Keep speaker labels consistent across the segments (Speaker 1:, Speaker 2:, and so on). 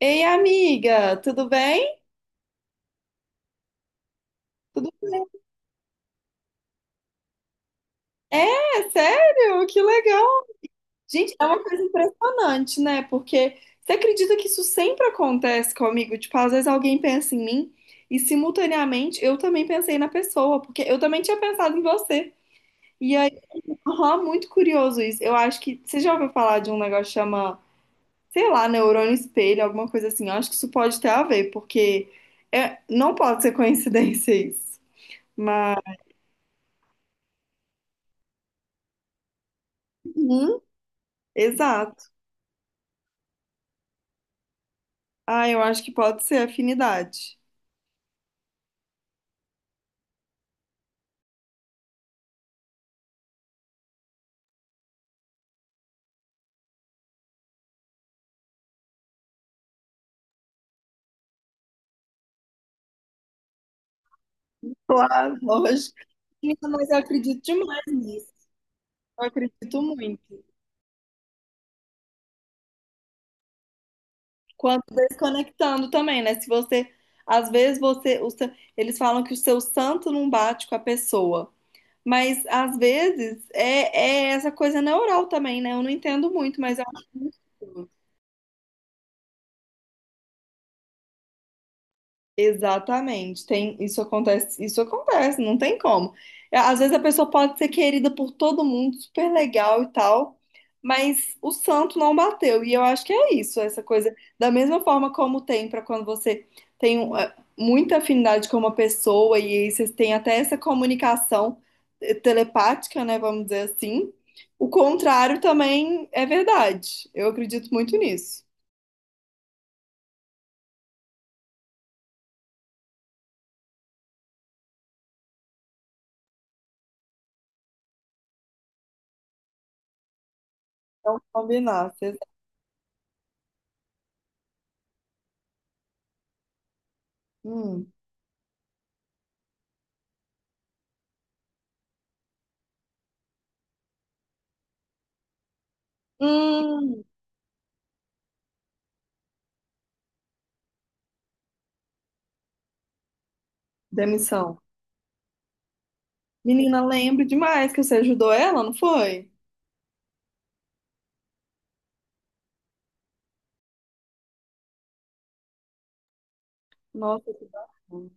Speaker 1: Ei, amiga, tudo bem? Tudo bem? É, sério? Que legal! Gente, é uma coisa impressionante, né? Porque você acredita que isso sempre acontece comigo? Tipo, às vezes alguém pensa em mim e simultaneamente eu também pensei na pessoa, porque eu também tinha pensado em você. E aí, aham, muito curioso isso. Eu acho que você já ouviu falar de um negócio que chama, sei lá, neurônio espelho, alguma coisa assim. Eu acho que isso pode ter a ver, porque não pode ser coincidência isso. Mas, uhum, exato. Ah, eu acho que pode ser afinidade. Claro, lógico. Menina, mas eu acredito demais nisso. Eu acredito muito. Quanto desconectando também, né? Se você, às vezes você, eles falam que o seu santo não bate com a pessoa, mas às vezes é essa coisa neural também, né? Eu não entendo muito, mas eu acho muito. Exatamente, tem, isso acontece, não tem como. É, Às vezes a pessoa pode ser querida por todo mundo, super legal e tal, mas o santo não bateu. E eu acho que é isso, essa coisa, da mesma forma como tem para quando você tem um, muita afinidade com uma pessoa e aí vocês têm até essa comunicação telepática, né, vamos dizer assim. O contrário também é verdade. Eu acredito muito nisso. Então, combinar. Hum. Hum. Demissão. Menina, lembro demais que você ajudou ela, não foi? Nossa, que bacana.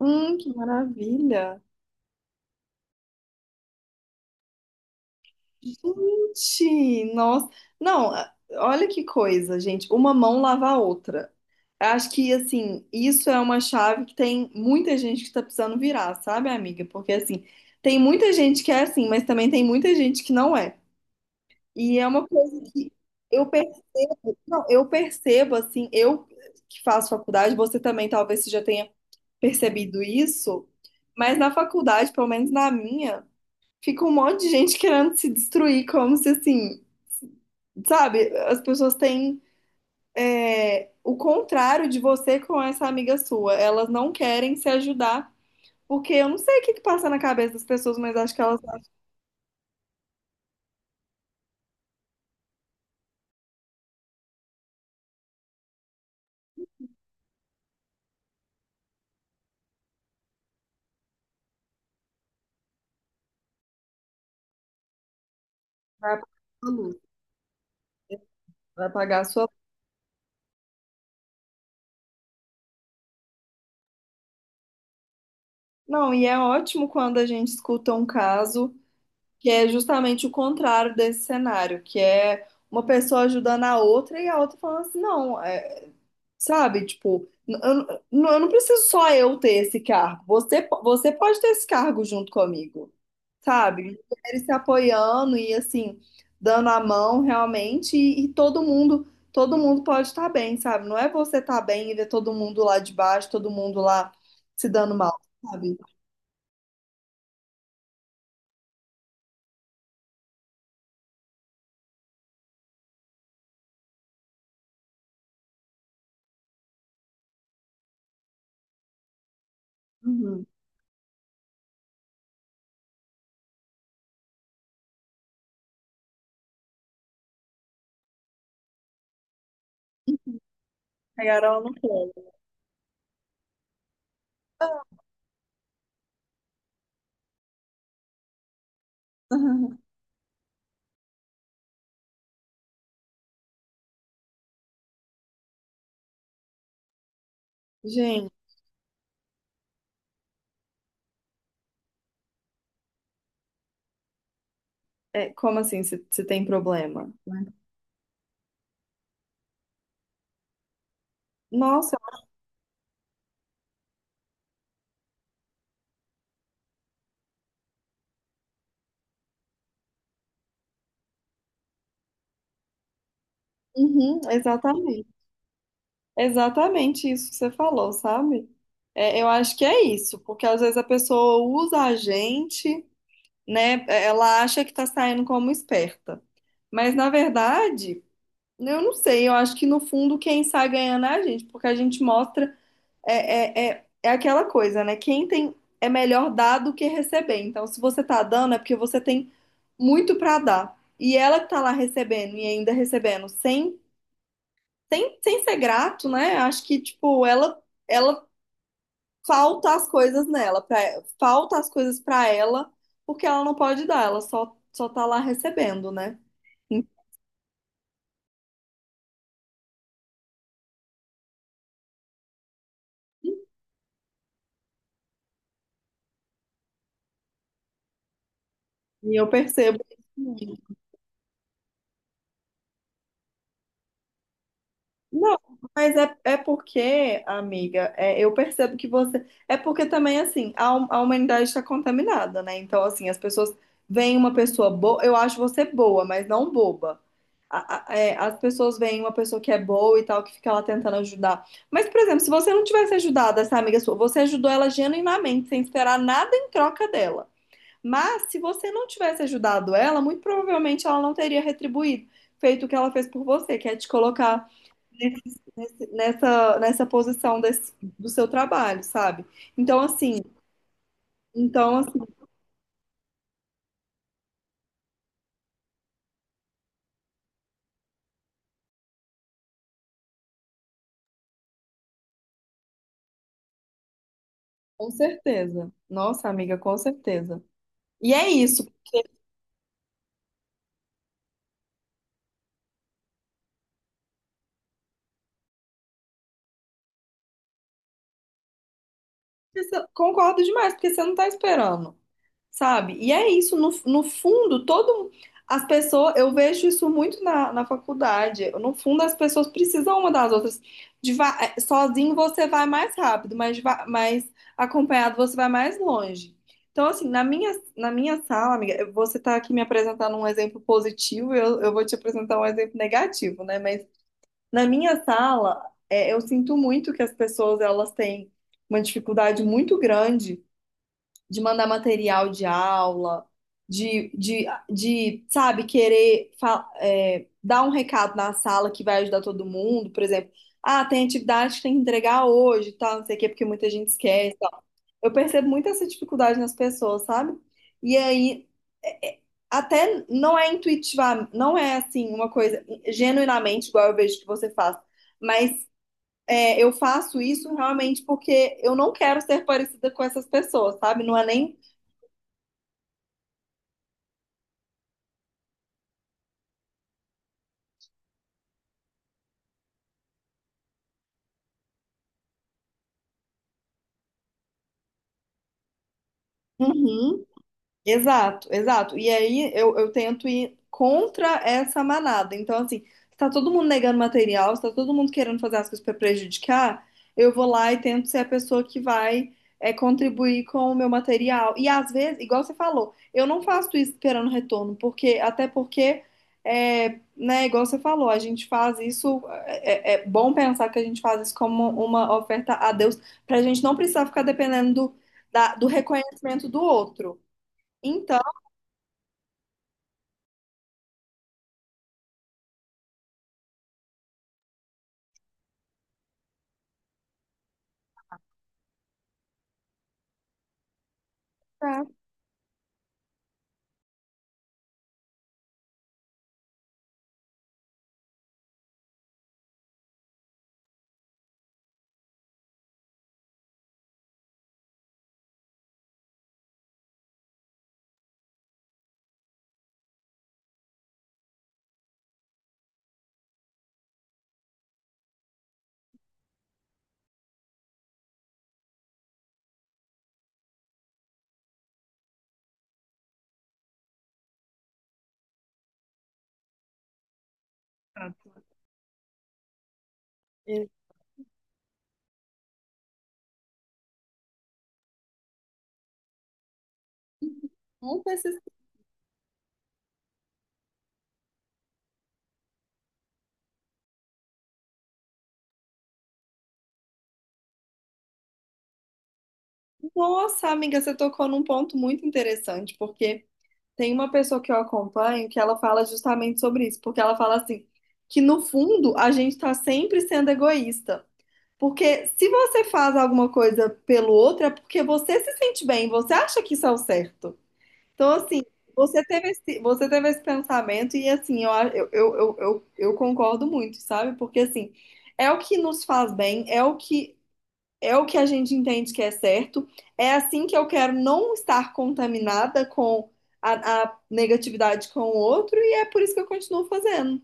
Speaker 1: Que maravilha. Gente, nossa. Não, olha que coisa, gente. Uma mão lava a outra. Acho que, assim, isso é uma chave que tem muita gente que tá precisando virar, sabe, amiga? Porque, assim, tem muita gente que é assim, mas também tem muita gente que não é. E é uma coisa que eu percebo, eu percebo assim, eu que faço faculdade, você também talvez você já tenha percebido isso, mas na faculdade, pelo menos na minha, fica um monte de gente querendo se destruir, como se assim, sabe? As pessoas têm o contrário de você com essa amiga sua. Elas não querem se ajudar, porque eu não sei o que que passa na cabeça das pessoas, mas acho que elas vão apagar a sua luz, vai apagar a sua. Não, e é ótimo quando a gente escuta um caso que é justamente o contrário desse cenário, que é uma pessoa ajudando a outra e a outra falando assim, não, é, sabe? Tipo, eu não preciso só eu ter esse cargo. Você, você pode ter esse cargo junto comigo, sabe? Mulheres se apoiando e assim, dando a mão realmente, e todo mundo pode estar bem, sabe? Não é você estar bem e ver todo mundo lá de baixo, todo mundo lá se dando mal, sabe? Uhum. Pegaram no colo. Gente, é, como assim você tem problema? Nossa, uhum, exatamente. Exatamente isso que você falou, sabe? É, eu acho que é isso, porque às vezes a pessoa usa a gente, né? É, ela acha que tá saindo como esperta. Mas na verdade, eu não sei, eu acho que no fundo quem sai ganhando é a gente, porque a gente mostra é aquela coisa, né? Quem tem é melhor dar do que receber. Então, se você tá dando, é porque você tem muito para dar. E ela que tá lá recebendo e ainda recebendo sem ser grato, né? Acho que, tipo, ela falta as coisas nela, falta as coisas pra ela, porque ela não pode dar, ela só tá lá recebendo, né? E eu percebo isso muito. Não, mas é porque, amiga, é, eu percebo que você. É porque também, assim, a humanidade está contaminada, né? Então, assim, as pessoas veem uma pessoa boa. Eu acho você boa, mas não boba. A- é, as pessoas veem uma pessoa que é boa e tal, que fica lá tentando ajudar. Mas, por exemplo, se você não tivesse ajudado essa amiga sua, você ajudou ela genuinamente, sem esperar nada em troca dela. Mas, se você não tivesse ajudado ela, muito provavelmente ela não teria retribuído, feito o que ela fez por você, que é te colocar nessa, do seu trabalho, sabe? Então, assim, então, assim, com certeza. Nossa, amiga, com certeza. E é isso. Concordo demais, porque você não tá esperando. Sabe? E é isso, no fundo, todo as pessoas, eu vejo isso muito na faculdade. No fundo, as pessoas precisam uma das outras. Sozinho você vai mais rápido, mas, mas acompanhado você vai mais longe. Então, assim, na minha sala, amiga, você está aqui me apresentando um exemplo positivo, eu vou te apresentar um exemplo negativo, né? Mas na minha sala, eu sinto muito que as pessoas elas têm uma dificuldade muito grande de mandar material de aula, de sabe, dar um recado na sala que vai ajudar todo mundo, por exemplo. Ah, tem atividade que tem que entregar hoje, tal, não sei o quê, porque muita gente esquece, tal. Eu percebo muito essa dificuldade nas pessoas, sabe? E aí, é- é- até não é intuitiva, não é assim uma coisa genuinamente igual eu vejo que você faz, mas é, eu faço isso realmente porque eu não quero ser parecida com essas pessoas, sabe? Não é nem uhum. Exato, exato. E aí eu tento ir contra essa manada. Então, assim, se tá todo mundo negando material, se tá todo mundo querendo fazer as coisas para prejudicar, eu vou lá e tento ser a pessoa que vai contribuir com o meu material. E às vezes, igual você falou, eu não faço isso esperando retorno, porque até porque, né, igual você falou, a gente faz isso, é bom pensar que a gente faz isso como uma oferta a Deus, pra gente não precisar ficar dependendo do reconhecimento do outro. Então, tá. É, conta Nossa, amiga, você tocou num ponto muito interessante, porque tem uma pessoa que eu acompanho que ela fala justamente sobre isso, porque ela fala assim, que no fundo a gente está sempre sendo egoísta, porque se você faz alguma coisa pelo outro é porque você se sente bem, você acha que isso é o certo. Então, assim, você teve esse pensamento e, assim, eu, a- eu, eu concordo muito, sabe? Porque, assim, é o que nos faz bem, é o que a gente entende que é certo. É assim que eu quero não estar contaminada com a negatividade com o outro, e é por isso que eu continuo fazendo.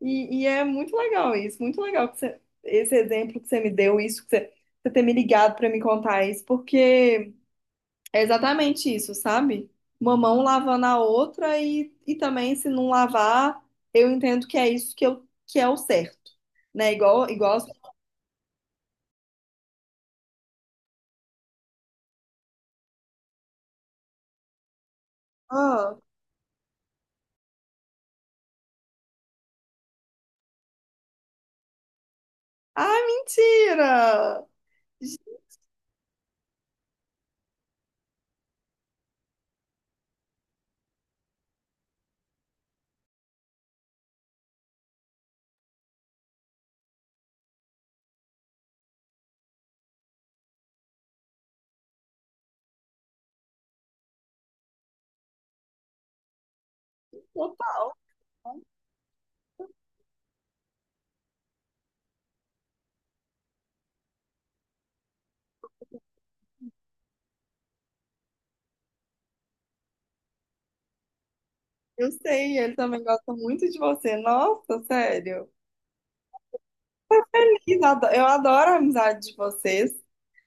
Speaker 1: E é muito legal isso, muito legal esse exemplo que você me deu, isso que você ter me ligado para me contar isso, porque é exatamente isso, sabe? Uma mão lavando a outra, e também se não lavar, eu entendo que é isso que, que é o certo, né? Igual, igual as pessoas. Ah, mentira! Total. Eu sei, ele também gosta muito de você. Nossa, sério. Eu adoro a amizade de vocês.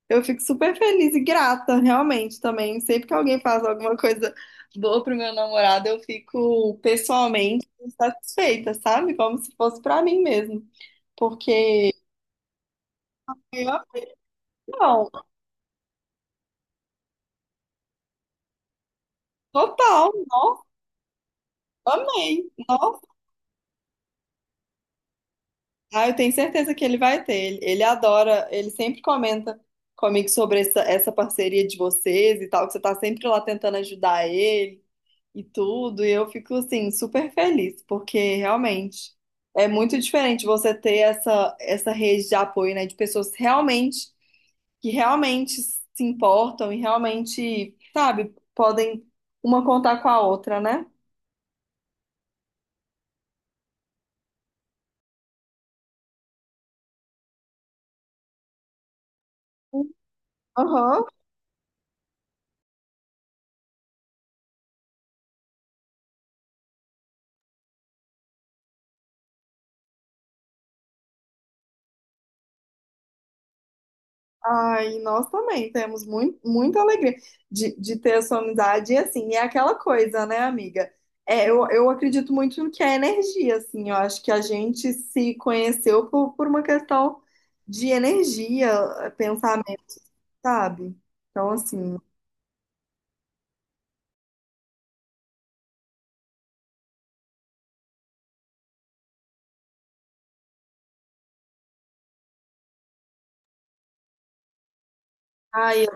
Speaker 1: Eu fico super feliz e grata, realmente, também. Sempre que alguém faz alguma coisa boa pro meu namorado, eu fico pessoalmente satisfeita, sabe? Como se fosse pra mim mesmo. Porque eu, não, total, nossa, amei. Ah, eu tenho certeza que ele vai ter. Ele adora, ele sempre comenta comigo sobre essa, essa parceria de vocês e tal, que você tá sempre lá tentando ajudar ele e tudo. E eu fico, assim, super feliz, porque realmente é muito diferente você ter essa, essa rede de apoio, né, de pessoas realmente, que realmente se importam e realmente, sabe, podem uma contar com a outra, né? Aham. Ai, nós também temos muito, muita alegria de ter a sua amizade. E assim, é aquela coisa, né, amiga? É, eu acredito muito no que é energia, assim. Eu acho que a gente se conheceu por uma questão de energia, pensamento, sabe? Então, assim, ai, eu...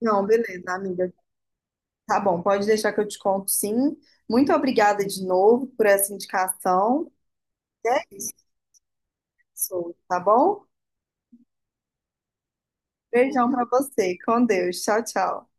Speaker 1: Não, beleza, amiga. Tá bom, pode deixar que eu te conto, sim. Muito obrigada de novo por essa indicação. E é isso, pessoal, tá bom? Beijão pra você. Com Deus. Tchau, tchau.